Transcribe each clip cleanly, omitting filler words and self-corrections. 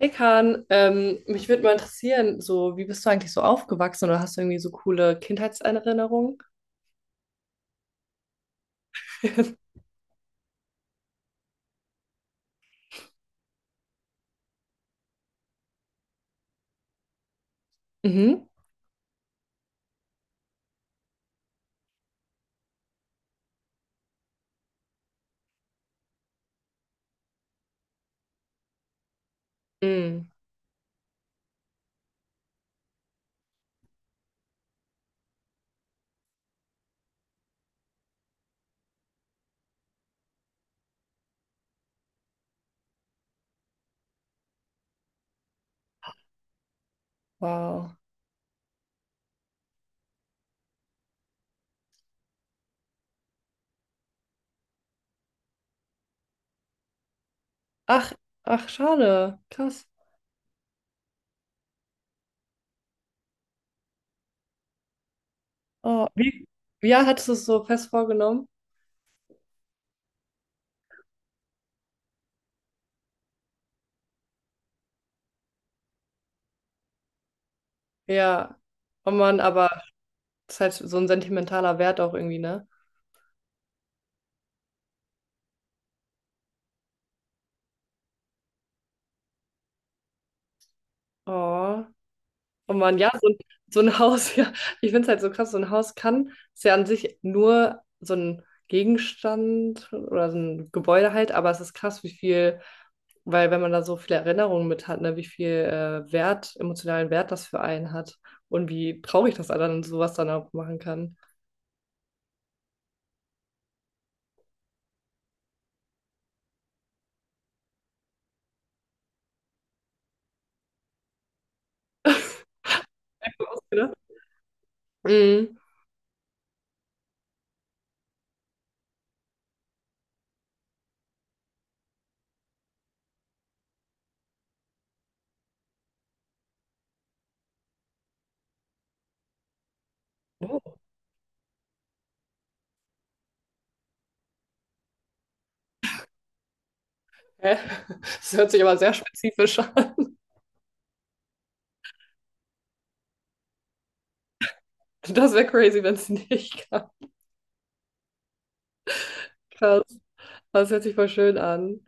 Hey Kahn, mich würde mal interessieren, so wie bist du eigentlich so aufgewachsen oder hast du irgendwie so coole Kindheitserinnerungen? Mhm. Mm, wow. Ach, ach, schade. Krass. Oh, wie? Ja, hattest du es so fest vorgenommen? Ja. Oh Mann, aber das ist halt so ein sentimentaler Wert auch irgendwie, ne? Oh. Oh Mann, ja, so, so ein Haus, ja. Ich finde es halt so krass, so ein Haus kann, ist ja an sich nur so ein Gegenstand oder so ein Gebäude halt, aber es ist krass, wie viel. Weil wenn man da so viele Erinnerungen mit hat, ne, wie viel Wert, emotionalen Wert das für einen hat und wie traurig das dann sowas dann auch machen kann. Ausgedacht? Mhm. Oh, hä? Das hört sich aber sehr spezifisch an. Das wäre crazy, wenn es nicht gab. Krass. Das hört sich voll schön an.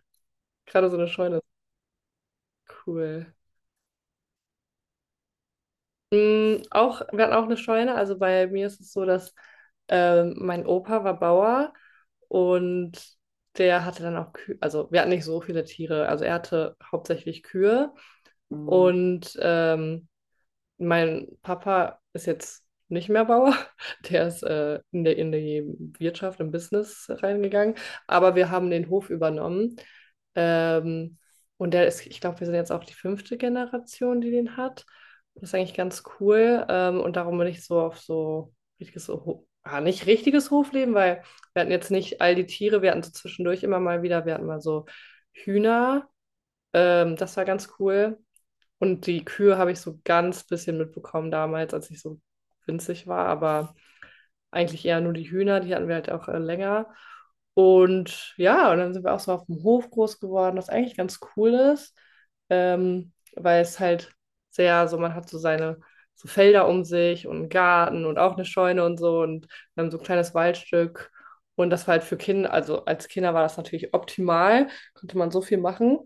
Gerade so eine Scheune. Cool. Mm, auch, wir hatten auch eine Scheune. Also bei mir ist es so, dass mein Opa war Bauer und der hatte dann auch Kühe. Also wir hatten nicht so viele Tiere. Also er hatte hauptsächlich Kühe. Mhm. Und mein Papa ist jetzt nicht mehr Bauer, der ist in der, in die Wirtschaft, im Business reingegangen, aber wir haben den Hof übernommen. Ähm, und der ist, ich glaube, wir sind jetzt auch die fünfte Generation, die den hat. Das ist eigentlich ganz cool. Und darum bin ich so auf so richtiges, nicht richtiges Hofleben, weil wir hatten jetzt nicht all die Tiere, wir hatten so zwischendurch immer mal wieder, wir hatten mal so Hühner. Das war ganz cool. Und die Kühe habe ich so ganz bisschen mitbekommen damals, als ich so winzig war, aber eigentlich eher nur die Hühner, die hatten wir halt auch länger. Und ja, und dann sind wir auch so auf dem Hof groß geworden, was eigentlich ganz cool ist, weil es halt sehr so, man hat so seine so Felder um sich und einen Garten und auch eine Scheune und so und wir haben so ein kleines Waldstück. Und das war halt für Kinder, also als Kinder war das natürlich optimal, konnte man so viel machen.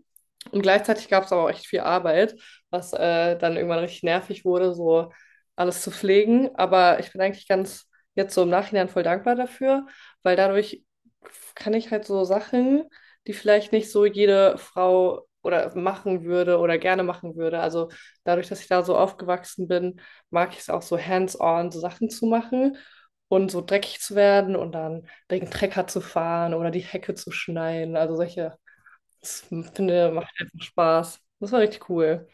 Und gleichzeitig gab es aber auch echt viel Arbeit, was dann irgendwann richtig nervig wurde, so alles zu pflegen. Aber ich bin eigentlich ganz jetzt so im Nachhinein voll dankbar dafür, weil dadurch kann ich halt so Sachen, die vielleicht nicht so jede Frau oder machen würde oder gerne machen würde. Also dadurch, dass ich da so aufgewachsen bin, mag ich es auch so hands-on so Sachen zu machen und so dreckig zu werden und dann den Trecker zu fahren oder die Hecke zu schneiden. Also solche, das finde, macht einfach Spaß. Das war richtig cool.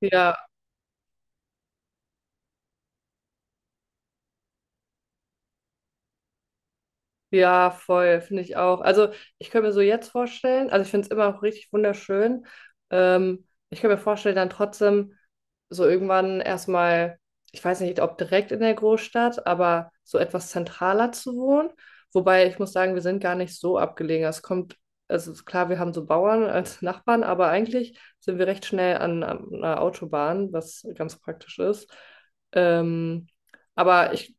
Ja, ja, voll, finde ich auch. Also ich könnte mir so jetzt vorstellen, also ich finde es immer noch richtig wunderschön. Ich könnte mir vorstellen, dann trotzdem so irgendwann erstmal, ich weiß nicht, ob direkt in der Großstadt, aber so etwas zentraler zu wohnen. Wobei ich muss sagen, wir sind gar nicht so abgelegen. Es kommt, also ist klar, wir haben so Bauern als Nachbarn, aber eigentlich sind wir recht schnell an, an einer Autobahn, was ganz praktisch ist. Ähm, aber ich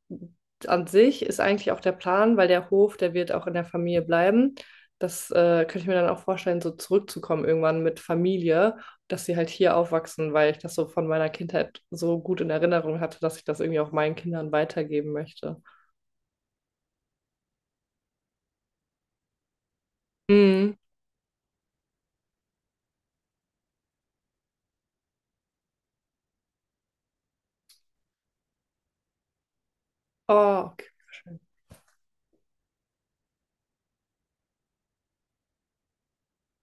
an sich ist eigentlich auch der Plan, weil der Hof, der wird auch in der Familie bleiben. Das könnte ich mir dann auch vorstellen, so zurückzukommen irgendwann mit Familie, dass sie halt hier aufwachsen, weil ich das so von meiner Kindheit so gut in Erinnerung hatte, dass ich das irgendwie auch meinen Kindern weitergeben möchte. Mhm. Oh, okay, schön.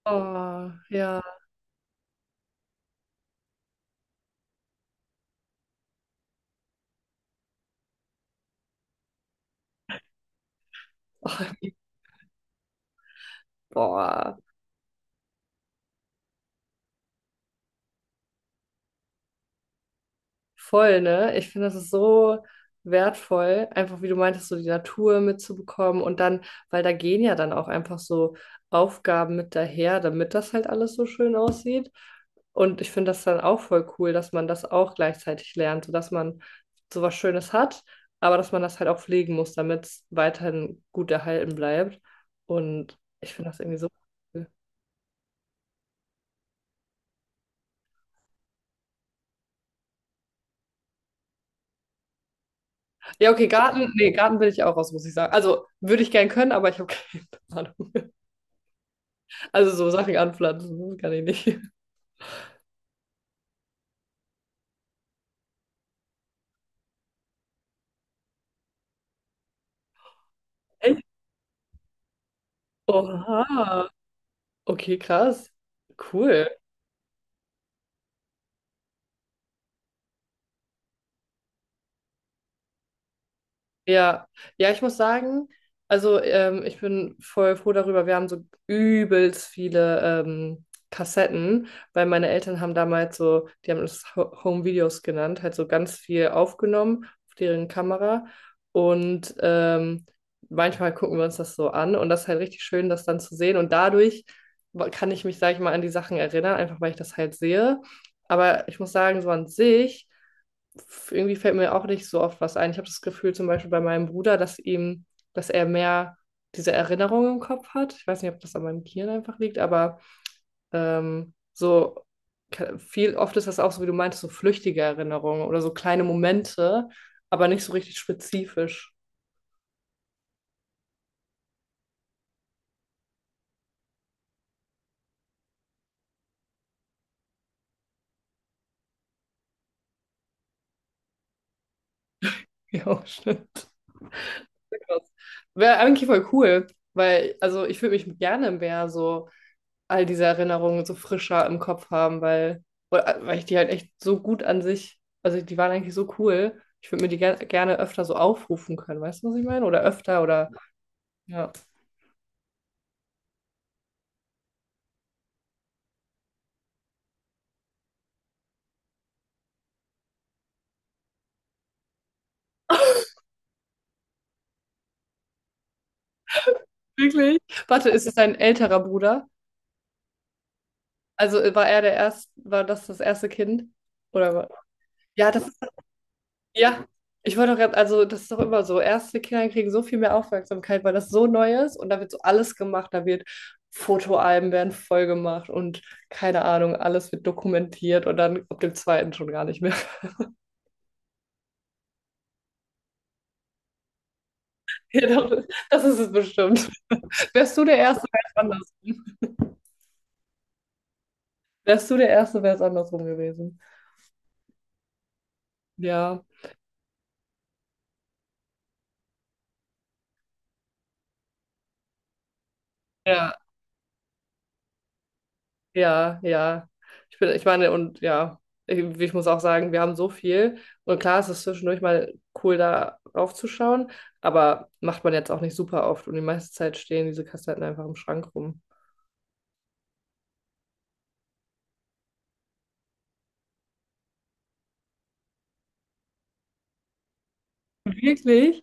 Oh, ja. Oh, boah. Voll, ne? Ich finde, das ist so wertvoll, einfach wie du meintest, so die Natur mitzubekommen und dann, weil da gehen ja dann auch einfach so Aufgaben mit daher, damit das halt alles so schön aussieht. Und ich finde das dann auch voll cool, dass man das auch gleichzeitig lernt, sodass man sowas Schönes hat, aber dass man das halt auch pflegen muss, damit es weiterhin gut erhalten bleibt. Und ich finde das irgendwie so cool. Ja, okay, Garten, nee, Garten will ich auch raus, muss ich sagen. Also würde ich gern können, aber ich habe keine Ahnung. Also so Sachen anpflanzen, das kann ich nicht. Echt? Oha. Okay, krass. Cool. Ja, ja, ich muss sagen, also ich bin voll froh darüber. Wir haben so übelst viele Kassetten, weil meine Eltern haben damals so, die haben es Home Videos genannt, halt so ganz viel aufgenommen auf deren Kamera. Und manchmal gucken wir uns das so an und das ist halt richtig schön, das dann zu sehen. Und dadurch kann ich mich, sag ich mal, an die Sachen erinnern, einfach weil ich das halt sehe. Aber ich muss sagen, so an sich irgendwie fällt mir auch nicht so oft was ein. Ich habe das Gefühl, zum Beispiel bei meinem Bruder, dass ihm, dass er mehr diese Erinnerung im Kopf hat. Ich weiß nicht, ob das an meinem Gehirn einfach liegt, aber so viel, oft ist das auch so, wie du meintest, so flüchtige Erinnerungen oder so kleine Momente, aber nicht so richtig spezifisch. Ja, stimmt. Wäre eigentlich voll cool, weil, also ich würde mich gerne mehr so all diese Erinnerungen so frischer im Kopf haben, weil, weil ich die halt echt so gut an sich, also die waren eigentlich so cool. Ich würde mir die gerne öfter so aufrufen können, weißt du, was ich meine? Oder öfter oder ja. Wirklich? Warte, ist es dein älterer Bruder? Also war er der erste, war das das erste Kind? Oder war, ja, das ja, ich wollte doch gerade, also das ist doch immer so. Erste Kinder kriegen so viel mehr Aufmerksamkeit, weil das so neu ist und da wird so alles gemacht. Da wird Fotoalben werden voll gemacht und keine Ahnung, alles wird dokumentiert und dann ab dem zweiten schon gar nicht mehr. Ja, doch, das ist es bestimmt. Wärst du der Erste, wäre es andersrum. Wärst du der Erste, wäre es andersrum gewesen. Ja, ja. Ja, ja. Ich bin, ich meine, und ja, irgendwie, ich muss auch sagen, wir haben so viel. Und klar, es ist zwischendurch mal cool, da raufzuschauen, aber macht man jetzt auch nicht super oft. Und die meiste Zeit stehen diese Kassetten einfach im Schrank rum. Wirklich?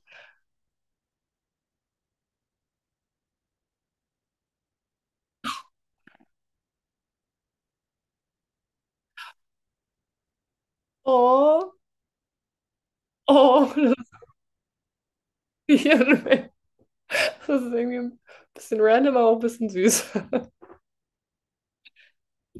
Oh, oh, das Gehirn. Das ist irgendwie ein bisschen random, aber auch ein bisschen süß.